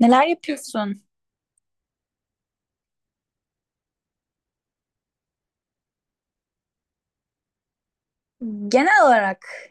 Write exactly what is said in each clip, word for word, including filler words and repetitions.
Neler yapıyorsun? Genel olarak,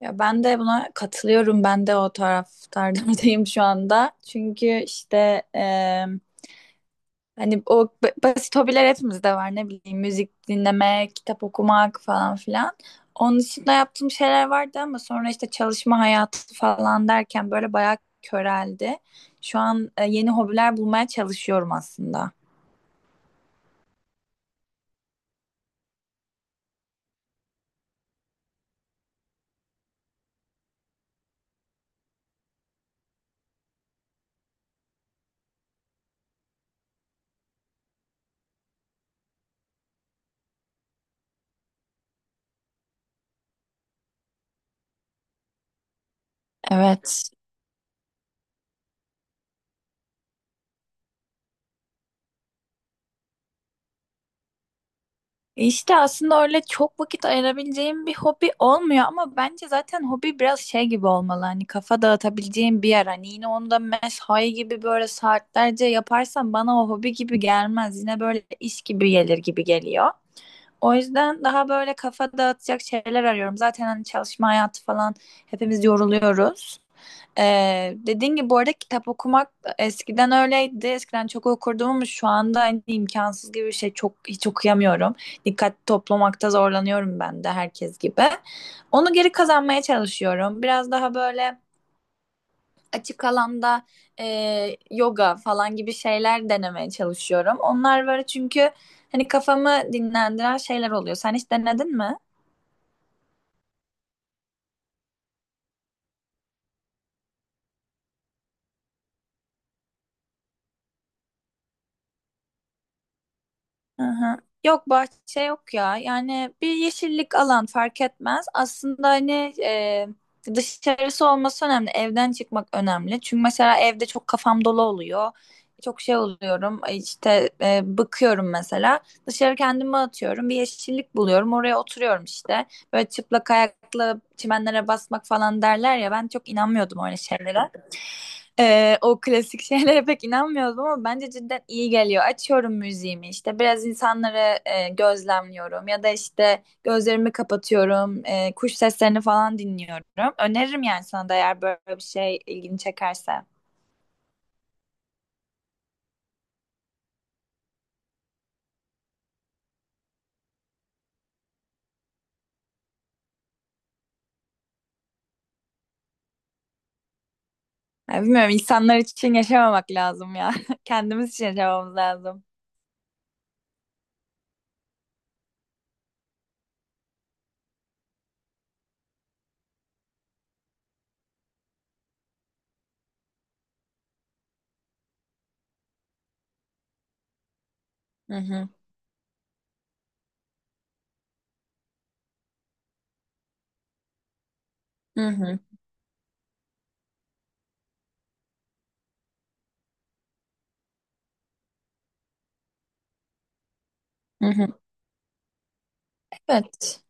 ya ben de buna katılıyorum. Ben de o taraftardardayım şu anda. Çünkü işte e, hani o ba- basit hobiler hepimizde var, ne bileyim, müzik dinlemek, kitap okumak falan filan. Onun dışında yaptığım şeyler vardı ama sonra işte çalışma hayatı falan derken böyle bayağı köreldi. Şu an e, yeni hobiler bulmaya çalışıyorum aslında. Evet. İşte aslında öyle çok vakit ayırabileceğim bir hobi olmuyor ama bence zaten hobi biraz şey gibi olmalı, hani kafa dağıtabileceğim bir yer, hani yine onu da mesai gibi böyle saatlerce yaparsam bana o hobi gibi gelmez, yine böyle iş gibi gelir gibi geliyor. O yüzden daha böyle kafa dağıtacak şeyler arıyorum. Zaten hani çalışma hayatı falan, hepimiz yoruluyoruz. Ee, dediğin gibi bu arada kitap okumak eskiden öyleydi. Eskiden çok okurdum ama şu anda hani imkansız gibi bir şey. Çok, hiç okuyamıyorum. Dikkat toplamakta zorlanıyorum ben de herkes gibi. Onu geri kazanmaya çalışıyorum. Biraz daha böyle açık alanda e, yoga falan gibi şeyler denemeye çalışıyorum. Onlar var çünkü hani kafamı dinlendiren şeyler oluyor. Sen hiç denedin mi? Hı hı. Yok, bahçe yok ya. Yani bir yeşillik alan fark etmez. Aslında hani e, dışarısı olması önemli. Evden çıkmak önemli. Çünkü mesela evde çok kafam dolu oluyor. Çok şey oluyorum. e, işte e, bıkıyorum mesela. Dışarı kendimi atıyorum. Bir yeşillik buluyorum. Oraya oturuyorum işte. Böyle çıplak ayakla çimenlere basmak falan derler ya. Ben çok inanmıyordum öyle şeylere. Ee, o klasik şeylere pek inanmıyoruz ama bence cidden iyi geliyor. Açıyorum müziğimi, işte biraz insanları e, gözlemliyorum ya da işte gözlerimi kapatıyorum, e, kuş seslerini falan dinliyorum. Öneririm yani sana da, eğer böyle bir şey ilgini çekerse. Ya bilmiyorum, insanlar için yaşamamak lazım ya. Kendimiz için yaşamamız lazım. Hı hı. Hı hı. Hı hı. Evet.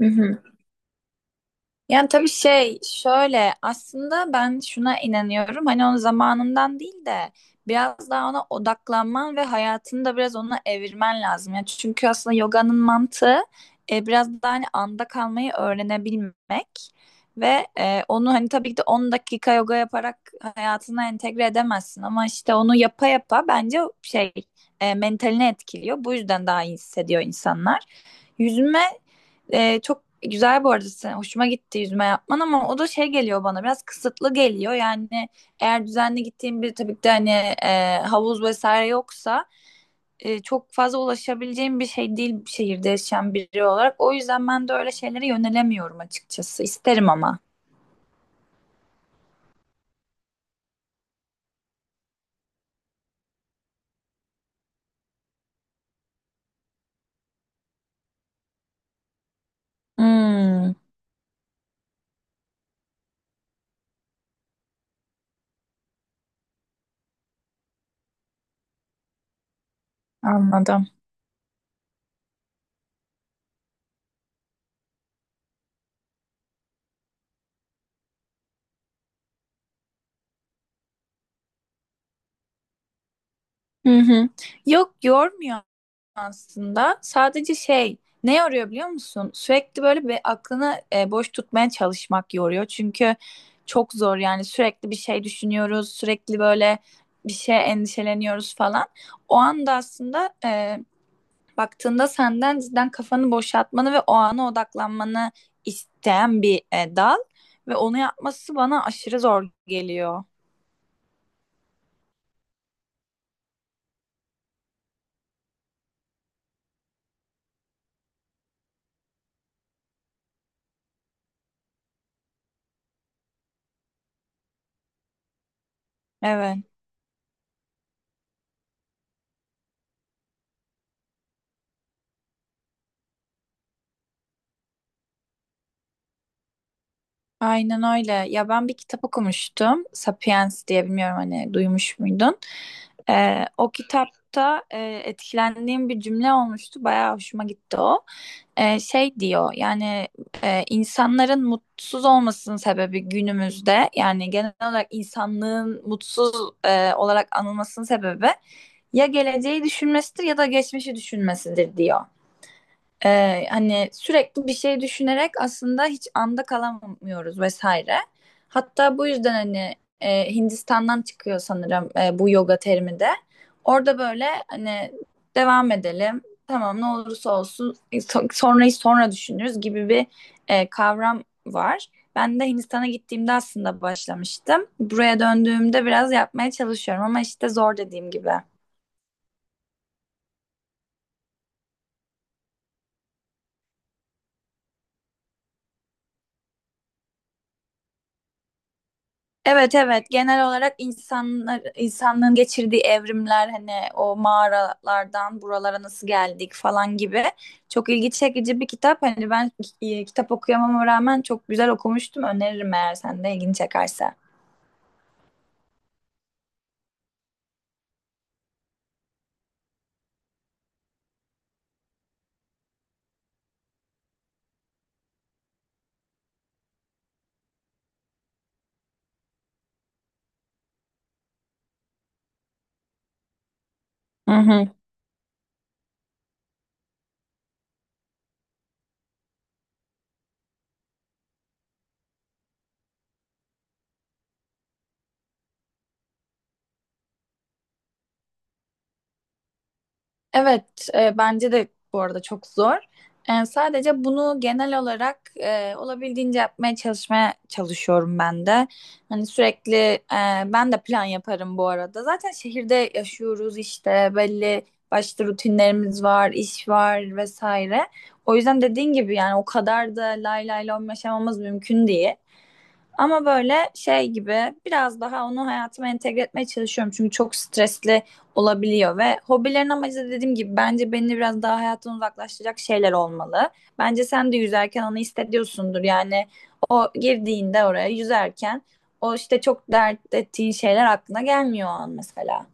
Hı hı. Yani tabii şey şöyle, aslında ben şuna inanıyorum, hani onun zamanından değil de biraz daha ona odaklanman ve hayatını da biraz ona evirmen lazım. Yani çünkü aslında yoganın mantığı e, biraz daha hani anda kalmayı öğrenebilmek ve e, onu hani tabii ki de on dakika yoga yaparak hayatına entegre edemezsin ama işte onu yapa yapa bence şey, e, mentalini etkiliyor. Bu yüzden daha iyi hissediyor insanlar. Yüzme ee, çok güzel bu arada. Sen- Hoşuma gitti yüzme yapman ama o da şey geliyor bana, biraz kısıtlı geliyor. Yani eğer düzenli gittiğim bir, tabii ki de hani e, havuz vesaire yoksa e, çok fazla ulaşabileceğim bir şey değil bir şehirde yaşayan biri olarak. O yüzden ben de öyle şeylere yönelemiyorum açıkçası. İsterim ama. Hmm, anladım. Hı hı. Yok, yormuyor aslında. Sadece şey, ne yoruyor biliyor musun? Sürekli böyle bir aklını e, boş tutmaya çalışmak yoruyor. Çünkü çok zor yani, sürekli bir şey düşünüyoruz. Sürekli böyle bir şey endişeleniyoruz falan. O anda aslında e, baktığında senden cidden kafanı boşaltmanı ve o ana odaklanmanı isteyen bir e, dal. Ve onu yapması bana aşırı zor geliyor. Evet. Aynen öyle. Ya ben bir kitap okumuştum. Sapiens diye, bilmiyorum hani, duymuş muydun? Ee, o kitapta e, etkilendiğim bir cümle olmuştu. Bayağı hoşuma gitti o. Ee, şey diyor yani, e, insanların mutsuz olmasının sebebi günümüzde, yani genel olarak insanlığın mutsuz e, olarak anılmasının sebebi ya geleceği düşünmesidir ya da geçmişi düşünmesidir diyor. Ee, hani sürekli bir şey düşünerek aslında hiç anda kalamıyoruz vesaire. Hatta bu yüzden hani e, Hindistan'dan çıkıyor sanırım e, bu yoga terimi de. Orada böyle hani devam edelim. Tamam, ne olursa olsun e, so- sonrayı sonra düşünürüz gibi bir e, kavram var. Ben de Hindistan'a gittiğimde aslında başlamıştım. Buraya döndüğümde biraz yapmaya çalışıyorum ama işte zor, dediğim gibi. Evet, evet, genel olarak insanlar, insanlığın geçirdiği evrimler, hani o mağaralardan buralara nasıl geldik falan gibi çok ilgi çekici bir kitap. Hani ben e, kitap okuyamama rağmen çok güzel okumuştum. Öneririm eğer sen de ilgini çekerse. Hı hı. Evet, e, bence de bu arada çok zor. E, sadece bunu genel olarak e, olabildiğince yapmaya çalışmaya çalışıyorum ben de. Hani sürekli e, ben de plan yaparım bu arada. Zaten şehirde yaşıyoruz, işte belli başlı rutinlerimiz var, iş var vesaire. O yüzden dediğin gibi yani o kadar da lay lay lom yaşamamız mümkün değil. Ama böyle şey gibi biraz daha onu hayatıma entegre etmeye çalışıyorum. Çünkü çok stresli olabiliyor ve hobilerin amacı da dediğim gibi bence beni biraz daha hayattan uzaklaştıracak şeyler olmalı. Bence sen de yüzerken onu hissediyorsundur. Yani o girdiğinde oraya, yüzerken o işte çok dert ettiğin şeyler aklına gelmiyor o an mesela.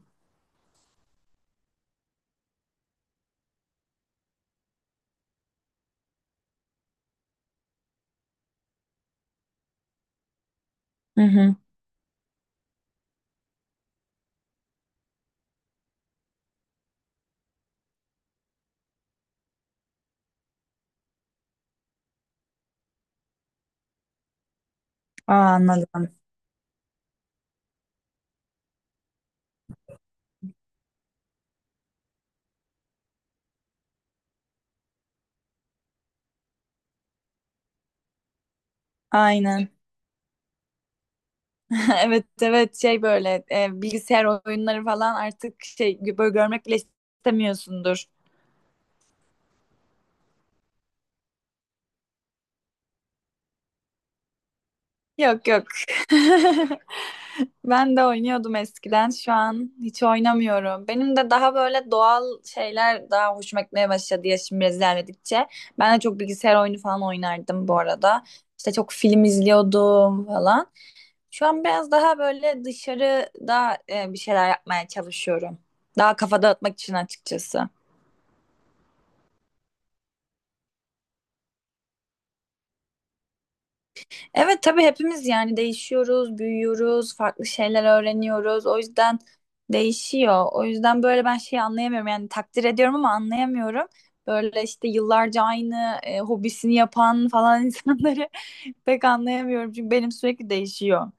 Hı hı. Aa, anladım. Aynen. Evet evet, şey böyle e, bilgisayar oyunları falan artık şey böyle görmek bile istemiyorsundur. Yok yok. Ben de oynuyordum eskiden. Şu an hiç oynamıyorum. Benim de daha böyle doğal şeyler daha hoşuma gitmeye başladı, yaşım biraz ilerledikçe. Ben de çok bilgisayar oyunu falan oynardım bu arada. İşte çok film izliyordum falan. Şu an biraz daha böyle dışarıda e, bir şeyler yapmaya çalışıyorum. Daha kafa dağıtmak için açıkçası. Evet tabii, hepimiz yani değişiyoruz, büyüyoruz, farklı şeyler öğreniyoruz. O yüzden değişiyor. O yüzden böyle ben şeyi anlayamıyorum. Yani takdir ediyorum ama anlayamıyorum. Böyle işte yıllarca aynı e, hobisini yapan falan insanları pek anlayamıyorum. Çünkü benim sürekli değişiyor.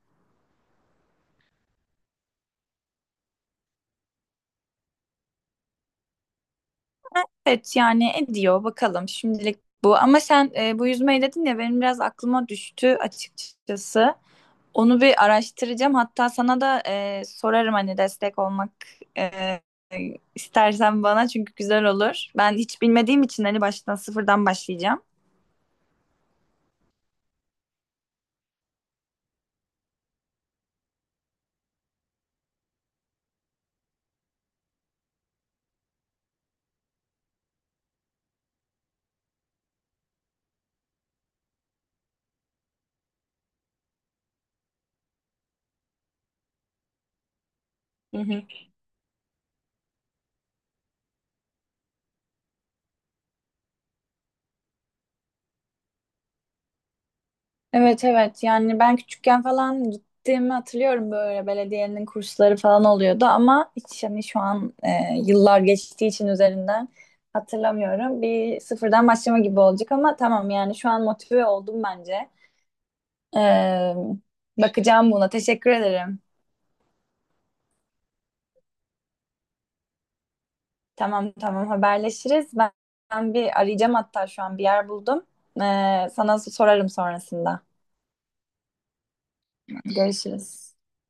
Evet yani, ediyor bakalım şimdilik bu. Ama sen e, bu yüzmeyi dedin ya, benim biraz aklıma düştü açıkçası. Onu bir araştıracağım. Hatta sana da e, sorarım hani, destek olmak e, istersen bana, çünkü güzel olur. Ben hiç bilmediğim için hani baştan sıfırdan başlayacağım. Hı hı. Evet evet, yani ben küçükken falan gittiğimi hatırlıyorum, böyle belediyenin kursları falan oluyordu ama hiç hani şu an e, yıllar geçtiği için üzerinden hatırlamıyorum. Bir sıfırdan başlama gibi olacak ama tamam yani, şu an motive oldum bence. Ee, Bakacağım buna, teşekkür ederim. Tamam tamam, haberleşiriz. Ben, ben bir arayacağım, hatta şu an bir yer buldum. Ee, sana sorarım sonrasında. Görüşürüz.